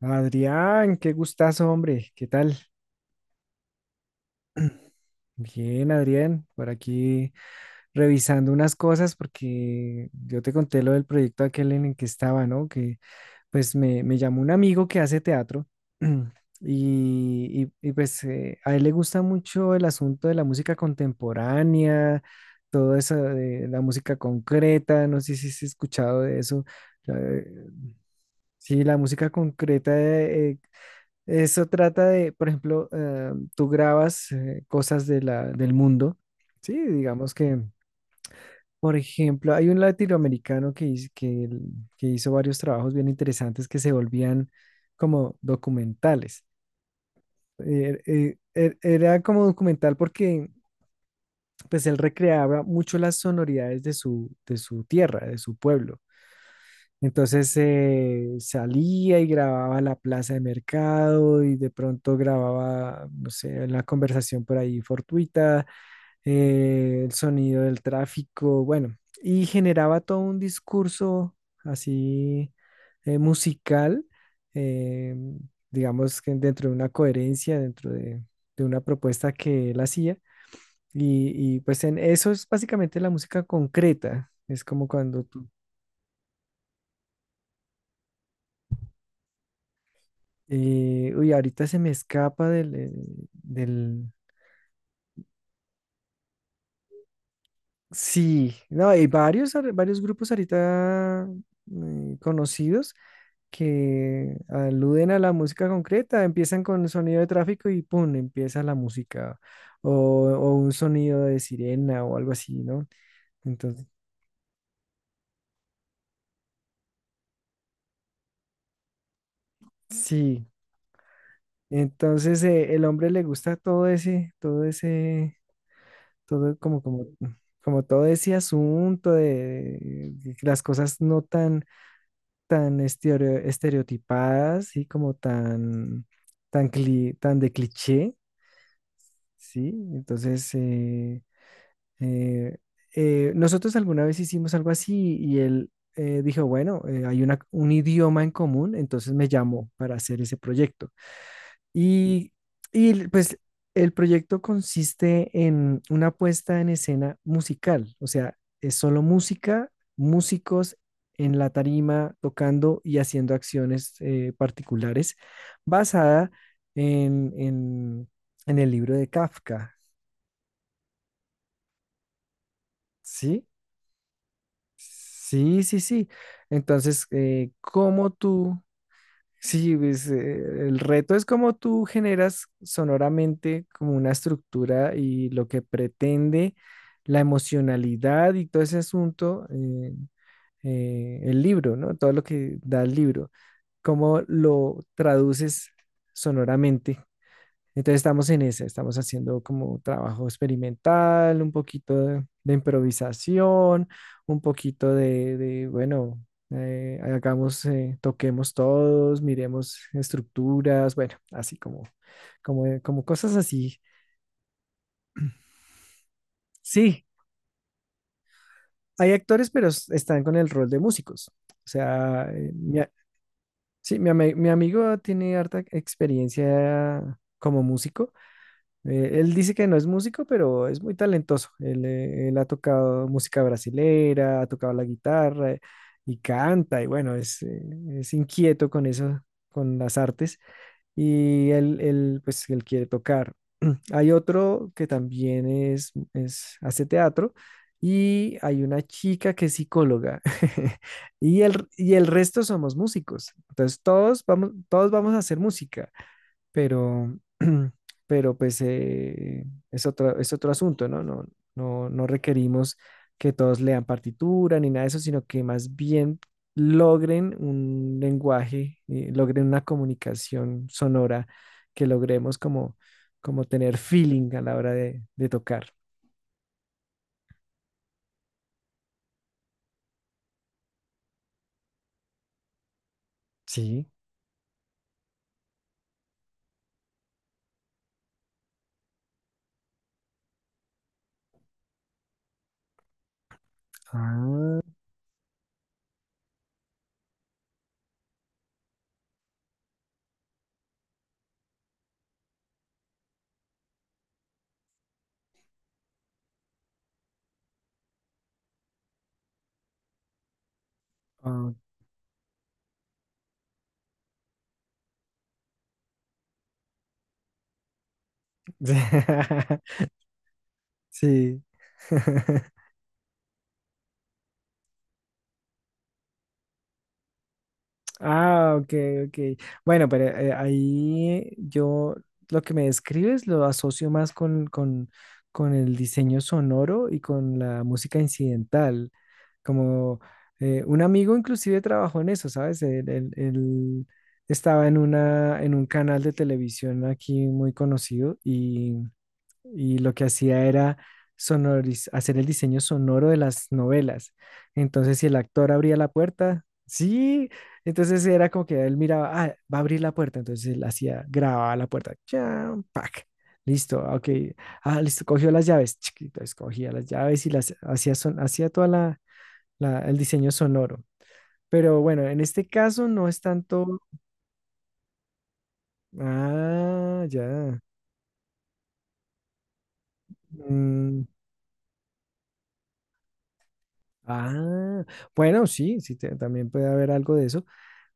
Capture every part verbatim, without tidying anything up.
Adrián, qué gustazo, hombre. ¿Qué tal? Bien, Adrián, por aquí revisando unas cosas porque yo te conté lo del proyecto aquel en el que estaba, ¿no? Que pues me, me llamó un amigo que hace teatro. y, y- y, pues eh, a él le gusta mucho el asunto de la música contemporánea, todo eso de la música concreta, no sé si has escuchado de eso. la- eh, Sí, la música concreta. eh, Eso trata de, por ejemplo, eh, tú grabas eh, cosas de la, del mundo, ¿sí? Digamos que, por ejemplo, hay un latinoamericano que, hiz- que, el- que hizo varios trabajos bien interesantes que se volvían como documentales. Eh, eh, er- era como documental porque pues él recreaba mucho las sonoridades de su, de su tierra, de su pueblo. Entonces eh, salía y grababa la plaza de mercado y de pronto grababa, no sé, una conversación por ahí fortuita, eh, el sonido del tráfico, bueno, y generaba todo un discurso así eh, musical, eh, digamos que dentro de una coherencia, dentro de, de una propuesta que él hacía. Y, y pues en eso es básicamente la música concreta. Es como cuando tú... Eh, uy, ahorita se me escapa del, eh, del... Sí, no, hay varios, ar- varios grupos ahorita eh, conocidos que aluden a la música concreta, empiezan con el sonido de tráfico y ¡pum! Empieza la música o, o un sonido de sirena o algo así, ¿no? Entonces, sí, entonces eh, el hombre, le gusta todo ese, todo ese, todo como, como, como todo ese asunto de de las cosas no tan tan estereo- estereotipadas, ¿sí? Como tan, tan, cli- tan de cliché, ¿sí? Entonces, eh, eh, eh, nosotros alguna vez hicimos algo así y él eh, dijo, bueno, eh, hay una, un idioma en común, entonces me llamó para hacer ese proyecto. Y, y pues el proyecto consiste en una puesta en escena musical, o sea, es solo música, músicos en la tarima tocando y haciendo acciones eh, particulares, basada en, en, en el libro de Kafka, ¿sí? Sí, sí, sí. Entonces, eh, ¿cómo tú... Sí, pues, eh, el reto es cómo tú generas sonoramente como una estructura y lo que pretende la emocionalidad y todo ese asunto, eh, eh, el libro, ¿no? Todo lo que da el libro, cómo lo traduces sonoramente. Entonces estamos en esa, estamos haciendo como trabajo experimental, un poquito de, de improvisación, un poquito de, de, bueno, eh, hagamos, eh, toquemos todos, miremos estructuras, bueno, así como, como, eh, como cosas así. Sí, hay actores, pero s- están con el rol de músicos. O sea, eh, mi, a- sí, mi, ami- mi amigo tiene harta experiencia como músico. Eh, él dice que no es músico, pero es muy talentoso. Él, eh, él ha tocado música brasilera, ha tocado la guitarra eh, y canta, y bueno, es, eh, es inquieto con eso, con las artes, y él, él, pues, él quiere tocar. Hay otro que también es, es, hace teatro, y hay una chica que es psicóloga. Y el, y el resto somos músicos. Entonces, todos vamos, todos vamos a hacer música, pero pero pues eh, es otro, es otro asunto, ¿no? No, no, no requerimos que todos lean partitura ni nada de eso, sino que más bien logren un lenguaje, eh, logren una comunicación sonora, que logremos como, como tener feeling a la hora de, de tocar. Sí. Ah, ah. Sí. Ah, ok, ok. Bueno, pero eh, ahí yo lo que me describes lo asocio más con, con, con el diseño sonoro y con la música incidental. Como eh, un amigo inclusive trabajó en eso, ¿sabes? Él, él- él estaba en una, en un canal de televisión aquí muy conocido, y lo que hacía era sonoriz- hacer el diseño sonoro de las novelas. Entonces, si el actor abría la puerta, sí, entonces era como que él miraba, ah, va a abrir la puerta, entonces él hacía, grababa la puerta, cham, pac, listo, ok, ah, listo, cogió las llaves, chiquito, escogía las llaves y las hacía, son, hacía toda la, la- el diseño sonoro. Pero bueno, en este caso no es tanto. Ah, ya. Mm. Ah, bueno, sí, sí, te- también puede haber algo de eso,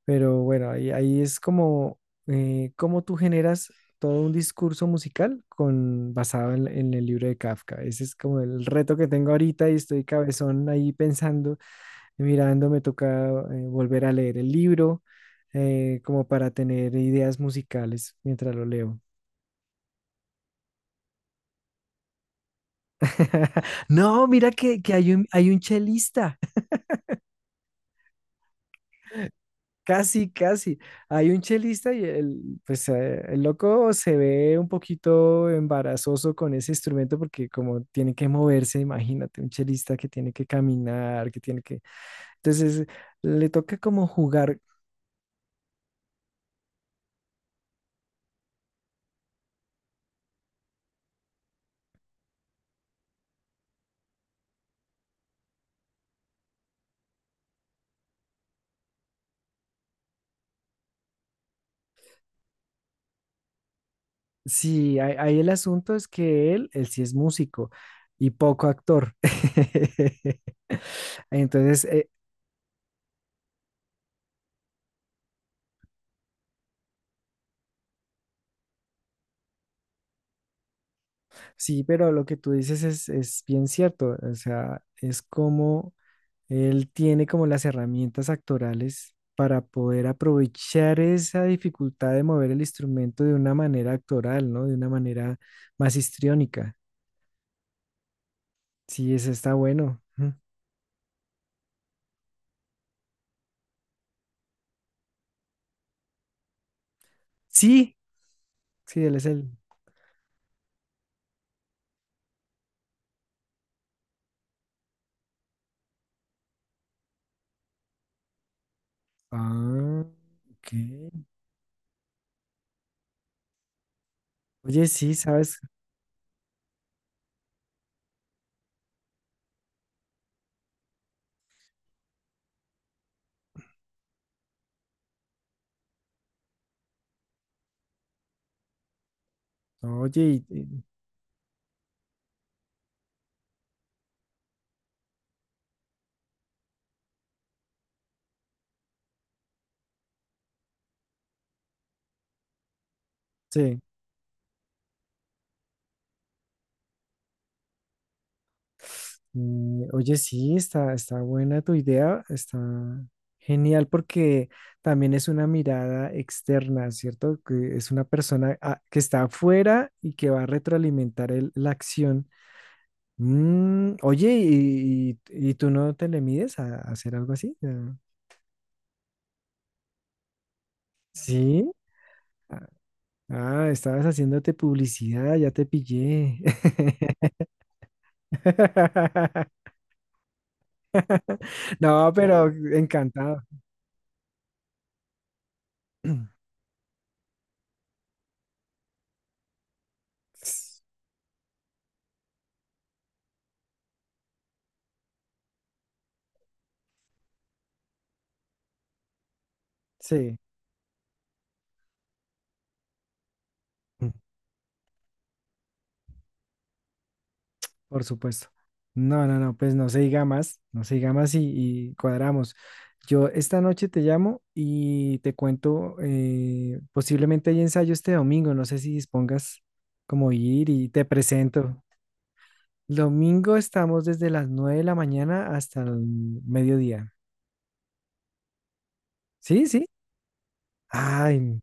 pero bueno, ahí, ahí es como eh, cómo tú generas todo un discurso musical con, basado en, en el libro de Kafka. Ese es como el reto que tengo ahorita y estoy cabezón ahí pensando, mirando, me toca eh, volver a leer el libro eh, como para tener ideas musicales mientras lo leo. No, mira que, que hay un, hay un chelista. Casi, casi. Hay un chelista y el, pues, eh, el loco se ve un poquito embarazoso con ese instrumento porque como tiene que moverse, imagínate, un chelista que tiene que caminar, que tiene que... Entonces, le toca como jugar. Sí, ahí ahí el asunto es que él, él sí es músico y poco actor. Entonces, eh, sí, pero lo que tú dices es, es bien cierto. O sea, es como... Él tiene como las herramientas actorales para poder aprovechar esa dificultad de mover el instrumento de una manera actoral, ¿no? De una manera más histriónica. Sí, ese está bueno. Ujú. Sí, sí, él es el. Ah, ok. Oye, sí, ¿sabes? Oye, y- y- sí. Eh, oye, sí, está, está buena tu idea, está genial porque también es una mirada externa, ¿cierto? Que es una persona ah, que está afuera y que va a retroalimentar el- la acción. Mm, oye, ¿y, y- y tú no te le mides a, a hacer algo así? Ah, sí. Ah, ah, estabas haciéndote publicidad, ya te pillé. No, pero encantado. Sí. Por supuesto. No, no, no, pues no se diga más, no se diga más, y, y cuadramos. Yo esta noche te llamo y te cuento, eh, posiblemente hay ensayo este domingo, no sé si dispongas como ir y te presento. Domingo estamos desde las nueve de la mañana hasta el mediodía. ¿Sí? ¿Sí? Ay,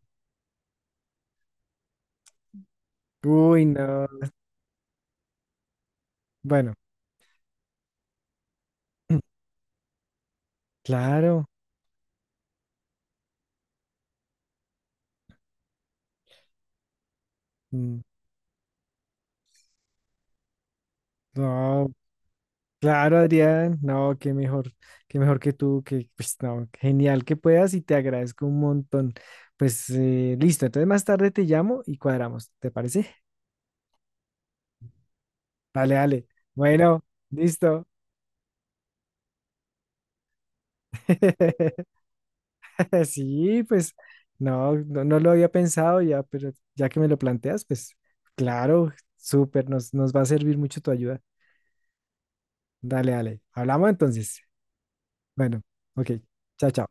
uy, no. Bueno, claro. Mm. No. Claro, Adrián, no, qué mejor, qué mejor que tú, que pues no, genial que puedas y te agradezco un montón. Pues eh, listo, entonces más tarde te llamo y cuadramos, ¿te parece? Vale, vale. Bueno, listo. Sí, pues no, no, no lo había pensado ya, pero ya que me lo planteas, pues claro, súper, nos, nos va a servir mucho tu ayuda. Dale, dale. Hablamos entonces. Bueno, ok, chao, chao.